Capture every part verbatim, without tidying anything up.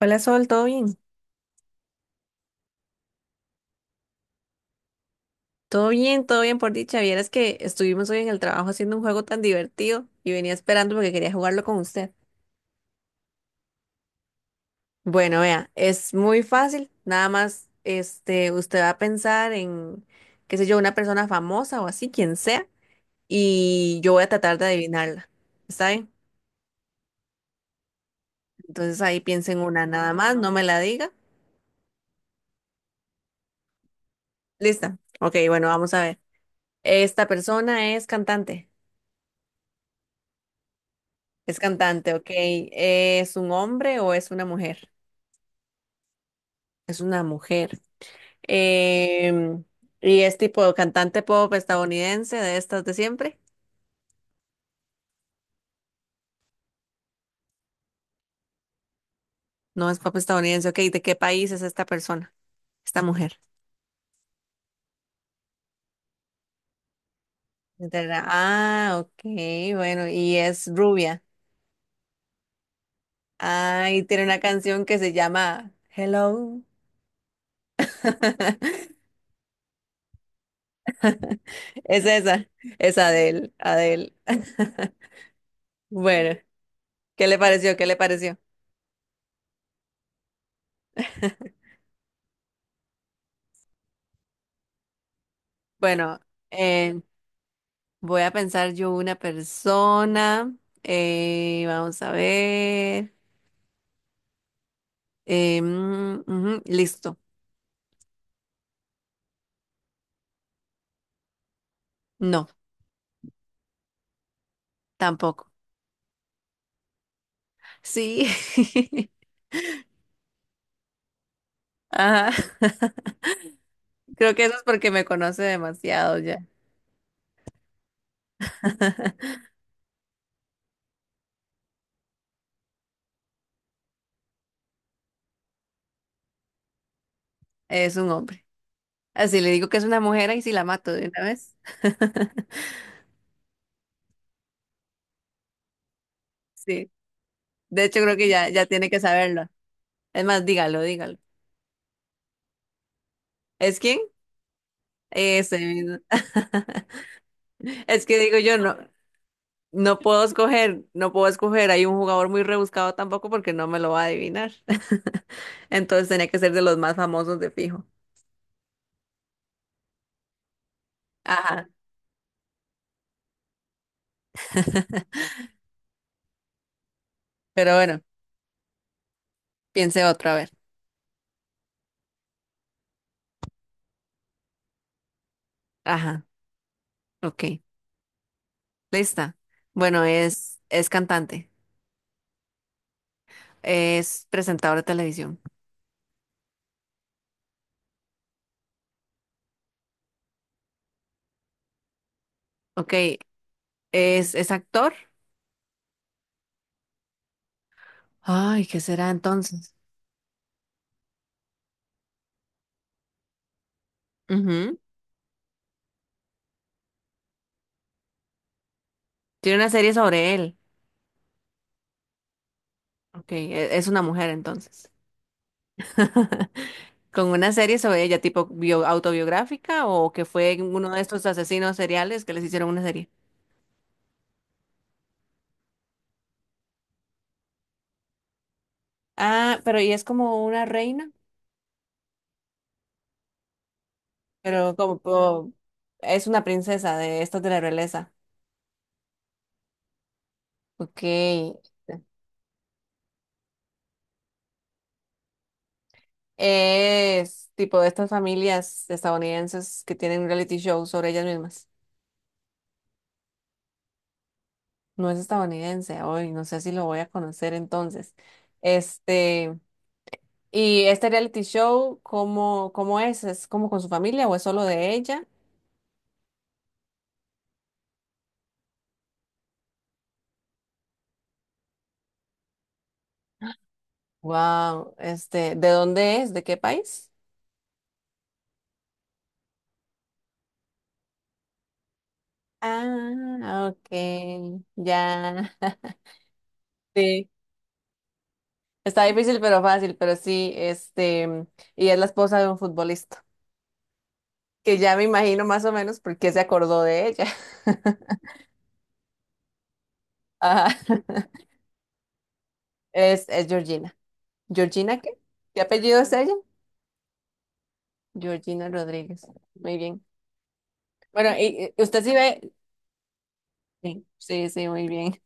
Hola Sol, ¿todo bien? Todo bien, todo bien por dicha. Vieras que estuvimos hoy en el trabajo haciendo un juego tan divertido y venía esperando porque quería jugarlo con usted. Bueno, vea, es muy fácil. Nada más, este, usted va a pensar en, qué sé yo, una persona famosa o así, quien sea, y yo voy a tratar de adivinarla. ¿Está bien? Entonces ahí piensa en una nada más, no me la diga. Lista. Ok, bueno, vamos a ver. Esta persona es cantante. Es cantante, ok. ¿Es un hombre o es una mujer? Es una mujer. Em, y es tipo cantante pop estadounidense, de estas de siempre. No es pop estadounidense. Ok, ¿de qué país es esta persona? Esta mujer. De la- Ah, ok, bueno, y es rubia. Ah, y tiene una canción que se llama Hello. Es esa, es Adele, Adele. Bueno, ¿qué le pareció? ¿Qué le pareció? Bueno, em, voy a pensar yo una persona. Eh, vamos a ver. Eh, mm, ujú, listo. No, tampoco. Sí. Ajá. Creo que eso es porque me conoce demasiado ya. Es un hombre. Así le digo que es una mujer y si la mato de una vez. Sí. De hecho, creo que ya, ya tiene que saberlo. Es más, dígalo, dígalo. ¿Es quién? Ese mismo. Es que digo yo no. No puedo escoger, no puedo escoger. Hay un jugador muy rebuscado tampoco porque no me lo va a adivinar. Entonces tenía que ser de los más famosos de fijo. Ajá. Pero bueno, piense otra vez. Ajá. Ok. Lista. Bueno, es, es cantante. Es presentador de televisión. Ok. Es, es actor. Ay, ¿qué será entonces? Ujú. Tiene una serie sobre él. Ok. e- Es una mujer entonces. Con una serie sobre ella, tipo bio- autobiográfica, o que fue uno de estos asesinos seriales que les hicieron una serie. Ah, pero y es como una reina, pero como, po- es una princesa de estas de la realeza. Ok. Es tipo de estas familias estadounidenses que tienen un reality show sobre ellas mismas. No es estadounidense, hoy no sé si lo voy a conocer entonces. Este, y este reality show, ¿cómo, cómo es? ¿Es como con su familia o es solo de ella? Wow, este, ¿de dónde es? ¿De qué país? Ah, ok, ya. Sí, está difícil pero fácil, pero sí, este, mm, y es la esposa de un futbolista, que ya me imagino más o menos por qué se acordó de ella. Ajá. Es, es Georgina. ¿Georgina qué? ¿Qué apellido es ella? Georgina Rodríguez. Muy bien. Bueno, y y usted sí ve. Sí, sí, sí, muy bien.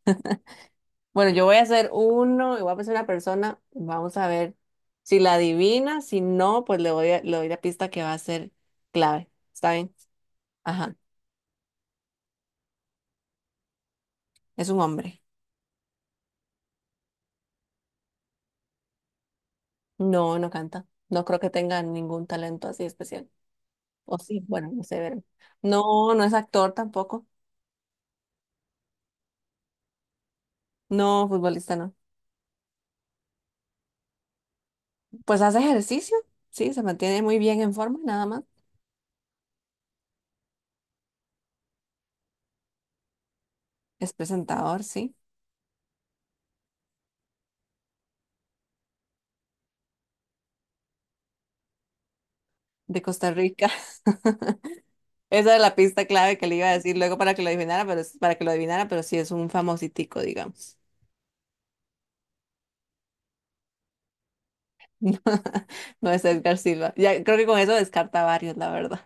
Bueno, yo voy a hacer uno y voy a pensar una persona. Vamos a ver si la adivina. Si no, pues le voy a- le doy la pista que va a ser clave. ¿Está bien? Ajá. Es un hombre. No, no canta. No creo que tenga ningún talento así especial. O sí, bueno, no sé, ver. No, no es actor tampoco. No, futbolista no. Pues hace ejercicio. Sí, se mantiene muy bien en forma, nada más. Es presentador, sí. De Costa Rica. Esa es la pista clave que le iba a decir luego para que lo adivinara, pero es- para que lo adivinara, pero sí es un famositico, digamos. No es Edgar Silva. Ya creo que con eso descarta varios, la verdad.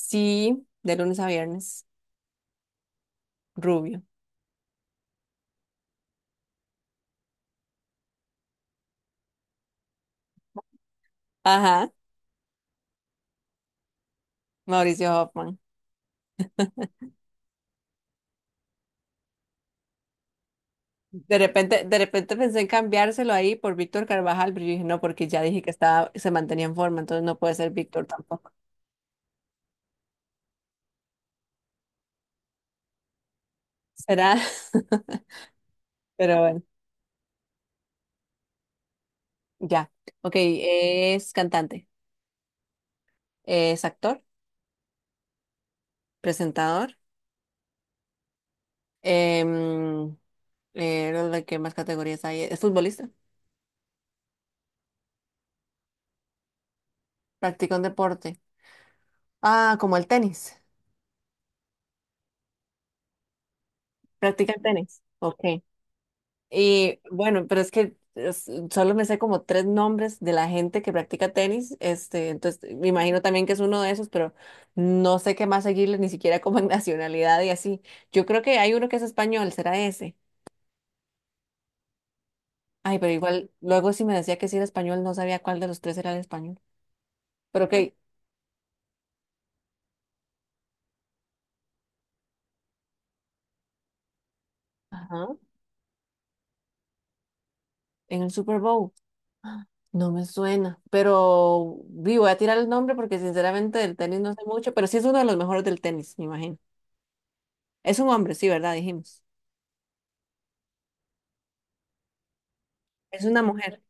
Sí, de lunes a viernes, rubio. Ajá, Mauricio Hoffman. De repente, de repente pensé en cambiárselo ahí por Víctor Carvajal, pero yo dije, no, porque ya dije que estaba, se mantenía en forma, entonces no puede ser Víctor tampoco. ¿Será? Pero bueno, ya. Ok, es cantante, es actor, presentador. Em, eh, ¿De qué más categorías hay? ¿Es futbolista? ¿Practica un deporte? Ah, como el tenis. ¿Practica el tenis? Ok. Y bueno, pero es que es- solo me sé como tres nombres de la gente que practica tenis. Este, entonces me imagino también que es uno de esos, pero no sé qué más seguirle, ni siquiera como en nacionalidad y así. Yo creo que hay uno que es español, será ese. Ay, pero igual, luego si me decía que sí era español, no sabía cuál de los tres era el español. Pero ok. Ajá. En el Super Bowl. No me suena, pero vi, voy a tirar el nombre porque sinceramente del tenis no sé mucho, pero sí es uno de los mejores del tenis, me imagino. Es un hombre, sí, ¿verdad? Dijimos. Es una mujer.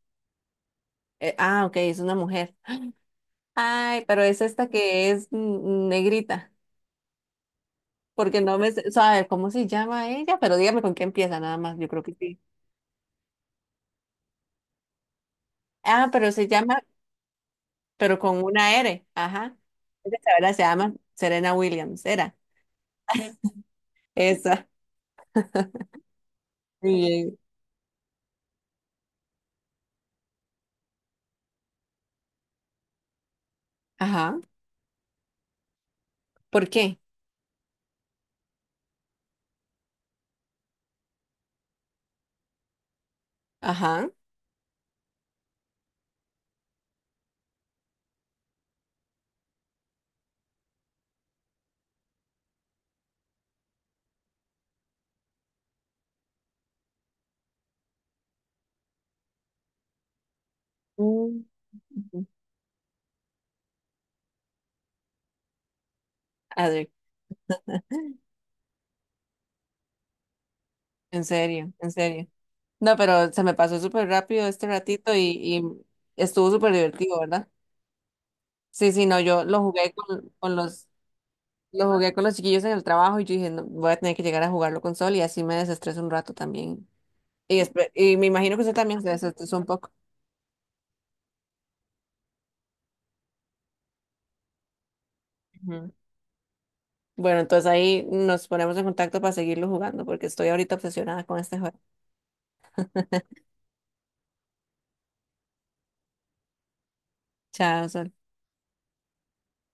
Eh, ah, ok, es una mujer. Ay, pero es esta que es mm, negrita, porque no me sé, o sea, a ver, ¿cómo se llama ella? Pero dígame con qué empieza, nada más, yo creo que sí. Ah, pero se llama, pero con una R, ajá. Esa, ¿verdad? Se llama Serena Williams, era. Esa. Muy bien. Ajá. ¿Por qué? Ajá. Mm. Ujú. Adri, en serio, en serio. No, pero se me pasó súper rápido este ratito y, y estuvo súper divertido, ¿verdad? Sí, sí, no, yo lo jugué con, con los, lo jugué con los chiquillos en el trabajo y yo dije, "No, voy a tener que llegar a jugarlo con Sol y así me desestreso un rato también. Y, espe- y me imagino que usted también se desestresó un poco. Ujú. Bueno, entonces ahí nos ponemos en contacto para seguirlo jugando porque estoy ahorita obsesionada con este juego. Chao, Sol.